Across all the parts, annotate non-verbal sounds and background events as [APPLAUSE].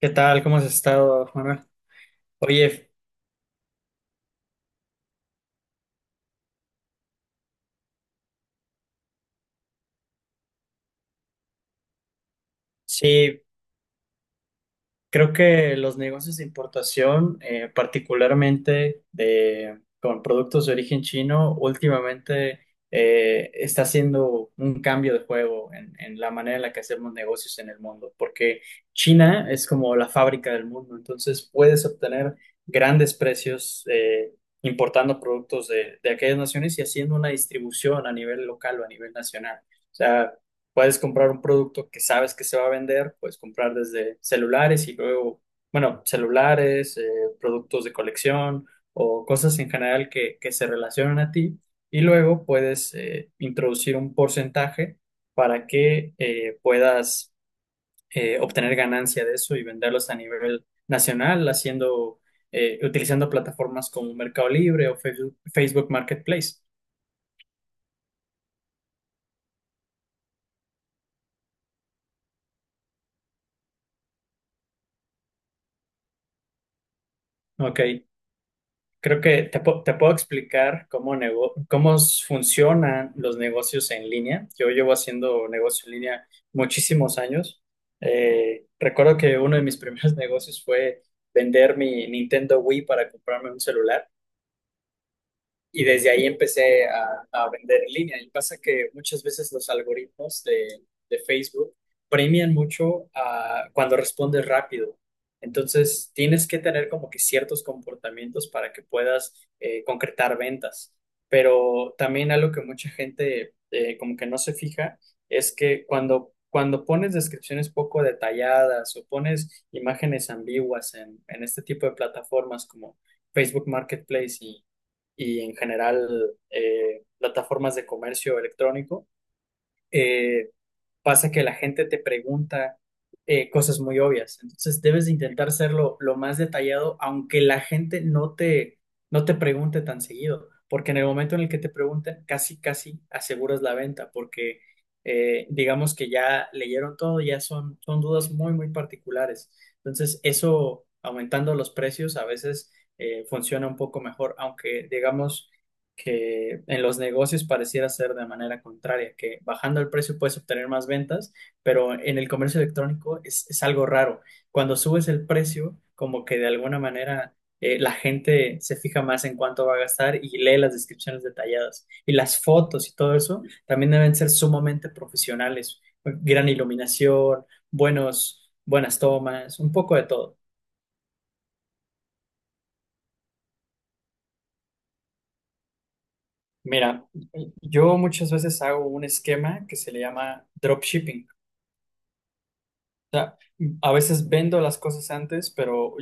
¿Qué tal? ¿Cómo has estado, Juana? Oye, sí, creo que los negocios de importación, particularmente de, con productos de origen chino, últimamente está haciendo un cambio de juego en la manera en la que hacemos negocios en el mundo, porque China es como la fábrica del mundo, entonces puedes obtener grandes precios importando productos de aquellas naciones y haciendo una distribución a nivel local o a nivel nacional. O sea, puedes comprar un producto que sabes que se va a vender, puedes comprar desde celulares y luego, bueno, celulares, productos de colección o cosas en general que se relacionan a ti y luego puedes introducir un porcentaje para que puedas obtener ganancia de eso y venderlos a nivel nacional haciendo, utilizando plataformas como Mercado Libre o Facebook Marketplace. Ok, creo que te, te puedo explicar cómo, cómo funcionan los negocios en línea. Yo llevo haciendo negocio en línea muchísimos años. Recuerdo que uno de mis primeros [LAUGHS] negocios fue vender mi Nintendo Wii para comprarme un celular. Y desde ahí empecé a vender en línea. Y pasa que muchas veces los algoritmos de Facebook premian mucho a cuando respondes rápido. Entonces, tienes que tener como que ciertos comportamientos para que puedas concretar ventas. Pero también algo que mucha gente como que no se fija es que cuando pones descripciones poco detalladas o pones imágenes ambiguas en este tipo de plataformas como Facebook Marketplace y en general plataformas de comercio electrónico, eh, pasa que la gente te pregunta cosas muy obvias. Entonces debes de intentar serlo lo más detallado, aunque la gente no te pregunte tan seguido, porque en el momento en el que te pregunten, casi, casi aseguras la venta, porque digamos que ya leyeron todo, ya son dudas muy, muy particulares. Entonces eso, aumentando los precios, a veces funciona un poco mejor, aunque digamos que en los negocios pareciera ser de manera contraria, que bajando el precio puedes obtener más ventas, pero en el comercio electrónico es algo raro. Cuando subes el precio, como que de alguna manera la gente se fija más en cuánto va a gastar y lee las descripciones detalladas. Y las fotos y todo eso también deben ser sumamente profesionales, gran iluminación, buenos, buenas tomas, un poco de todo. Mira, yo muchas veces hago un esquema que se le llama dropshipping. A veces vendo las cosas antes, pero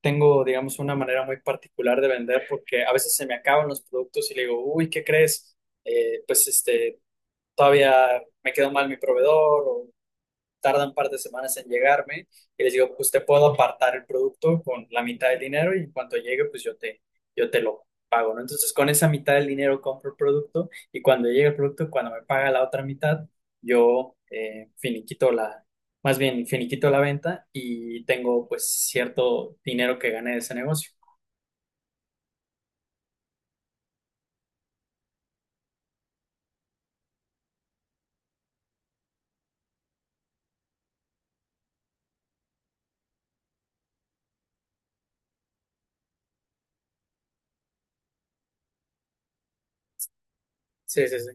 tengo, digamos, una manera muy particular de vender porque a veces se me acaban los productos y le digo, uy, ¿qué crees? Pues este, todavía me quedó mal mi proveedor, tarda un par de semanas en llegarme, y les digo, pues te puedo apartar el producto con la mitad del dinero y en cuanto llegue, pues yo te lo pago, ¿no? Entonces con esa mitad del dinero compro el producto y cuando llega el producto, cuando me paga la otra mitad, yo finiquito la, más bien finiquito la venta y tengo pues cierto dinero que gané de ese negocio. Sí, sí, sí.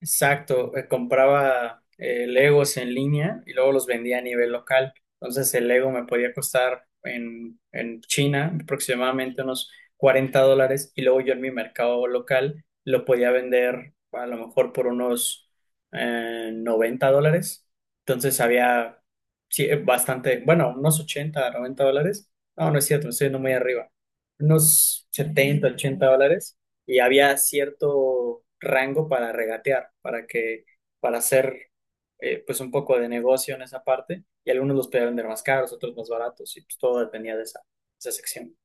Exacto, compraba Legos en línea y luego los vendía a nivel local. Entonces el Lego me podía costar en, China aproximadamente unos $40 y luego yo en mi mercado local lo podía vender a lo mejor por unos $90. Entonces había sí, bastante, bueno, unos 80, $90. No, no es cierto, me estoy yendo muy arriba. Unos 70, $80, y había cierto rango para regatear, para que, para hacer pues un poco de negocio en esa parte, y algunos los podían vender más caros, otros más baratos, y pues todo dependía de esa, esa sección.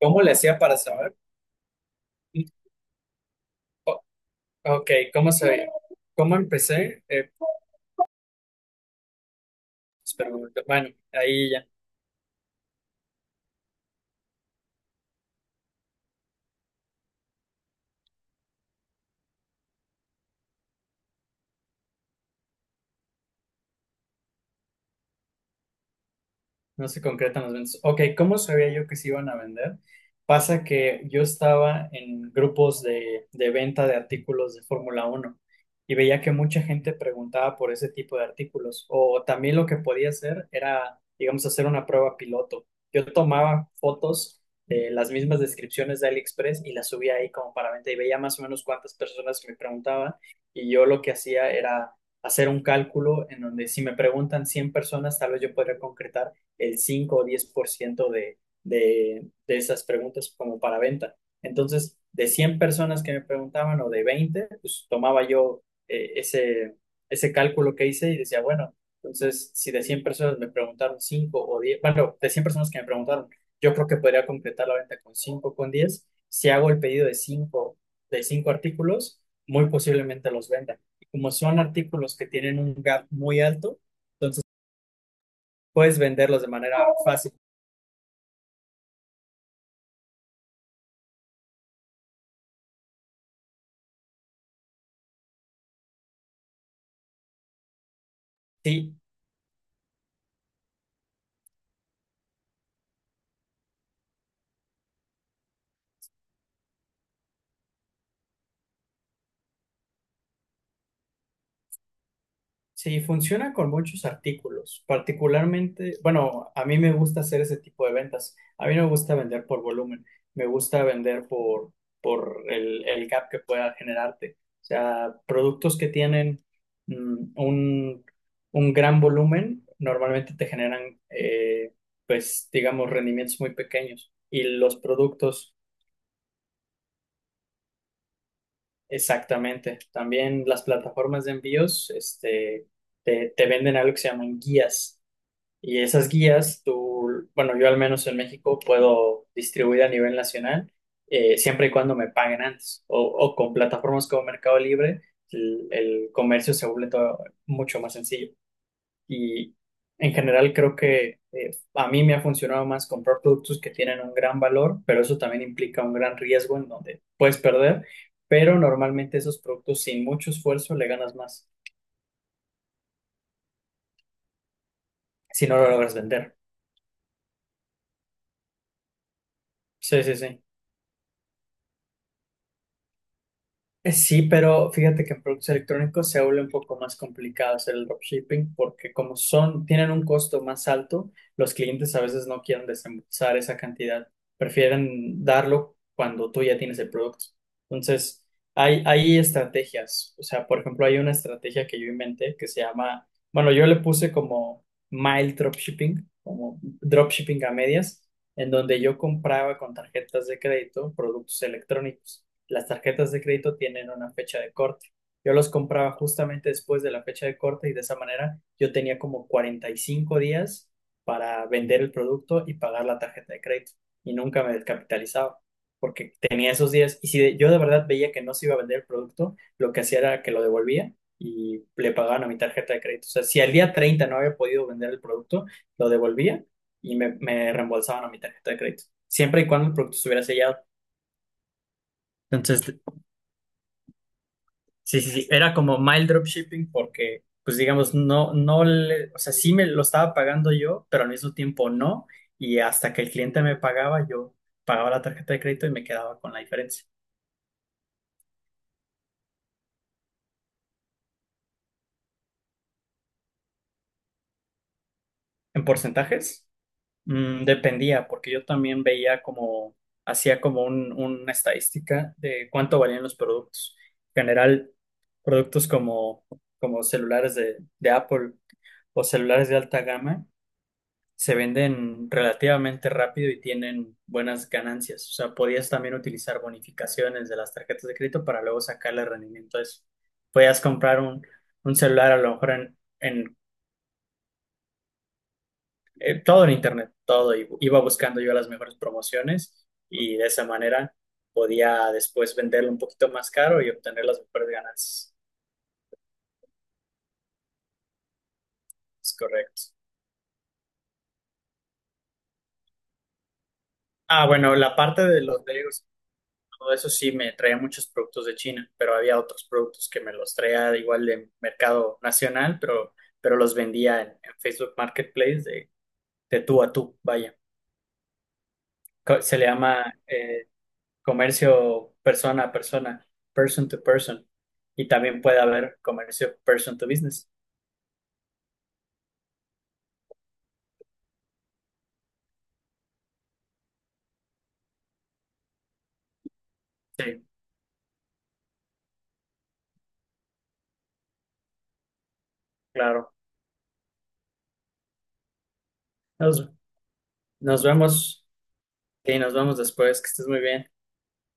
¿Cómo le hacía para saber? O- ok, ¿cómo se, cómo empecé? Espera un momento. Bueno, ahí ya. No se concretan los ventas. Ok, ¿cómo sabía yo que se iban a vender? Pasa que yo estaba en grupos de venta de artículos de Fórmula uno y veía que mucha gente preguntaba por ese tipo de artículos. O también lo que podía hacer era, digamos, hacer una prueba piloto. Yo tomaba fotos de las mismas descripciones de AliExpress y las subía ahí como para venta y veía más o menos cuántas personas me preguntaban y yo lo que hacía era hacer un cálculo en donde si me preguntan 100 personas, tal vez yo podría concretar el 5 o 10% de esas preguntas como para venta. Entonces, de 100 personas que me preguntaban o de 20, pues tomaba yo ese, ese cálculo que hice y decía, bueno, entonces si de 100 personas me preguntaron 5 o diez, bueno, de 100 personas que me preguntaron, yo creo que podría completar la venta con cinco, con diez. Si hago el pedido de cinco, de 5 artículos, muy posiblemente los venda. Y como son artículos que tienen un gap muy alto, puedes venderlos de manera fácil. Sí, sí, funciona con muchos artículos, particularmente, bueno, a mí me gusta hacer ese tipo de ventas. A mí no me gusta vender por volumen, me gusta vender por, el gap que pueda generarte. O sea, productos que tienen mm, un, un gran volumen normalmente te generan, pues, digamos, rendimientos muy pequeños. Y los productos, exactamente. También las plataformas de envíos, este, te venden algo que se llaman guías. Y esas guías, tú, bueno, yo al menos en México puedo distribuir a nivel nacional, siempre y cuando me paguen antes, o con plataformas como Mercado Libre, el comercio se vuelve todo mucho más sencillo. Y en general creo que a mí me ha funcionado más comprar productos que tienen un gran valor, pero eso también implica un gran riesgo en donde puedes perder, pero normalmente esos productos sin mucho esfuerzo le ganas más si no lo logras vender. Sí, sí, sí. Sí, pero fíjate que en productos electrónicos se vuelve un poco más complicado hacer el dropshipping porque como son, tienen un costo más alto, los clientes a veces no quieren desembolsar esa cantidad, prefieren darlo cuando tú ya tienes el producto. Entonces, hay estrategias, o sea, por ejemplo, hay una estrategia que yo inventé que se llama, bueno, yo le puse como mild dropshipping, como dropshipping a medias, en donde yo compraba con tarjetas de crédito productos electrónicos. Las tarjetas de crédito tienen una fecha de corte. Yo los compraba justamente después de la fecha de corte y de esa manera yo tenía como 45 días para vender el producto y pagar la tarjeta de crédito y nunca me descapitalizaba porque tenía esos días y si yo de verdad veía que no se iba a vender el producto, lo que hacía era que lo devolvía y le pagaban a mi tarjeta de crédito. O sea, si al día 30 no había podido vender el producto, lo devolvía y me reembolsaban a mi tarjeta de crédito, siempre y cuando el producto estuviera sellado. Entonces, sí, sí, sí, era como mild dropshipping porque, pues digamos, no, no le, o sea, sí me lo estaba pagando yo, pero al mismo tiempo no, y hasta que el cliente me pagaba, yo pagaba la tarjeta de crédito y me quedaba con la diferencia. En porcentajes, mm, dependía, porque yo también veía como, hacía como una estadística de cuánto valían los productos. En general, productos como, como celulares de Apple o celulares de alta gama se venden relativamente rápido y tienen buenas ganancias. O sea, podías también utilizar bonificaciones de las tarjetas de crédito para luego sacarle rendimiento a eso. Podías comprar un celular a lo mejor en, en todo en internet, todo. Y iba buscando yo las mejores promociones y de esa manera podía después venderlo un poquito más caro y obtener las mejores ganancias. Es correcto. Ah, bueno, la parte de los legos. Todo eso sí me traía muchos productos de China, pero había otros productos que me los traía igual de mercado nacional, pero los vendía en Facebook Marketplace de tú a tú, vaya. Se le llama comercio persona a persona, person to person. Y también puede haber comercio person to business. Sí, claro. Nos, nos vemos y nos vemos después. Que estés muy bien.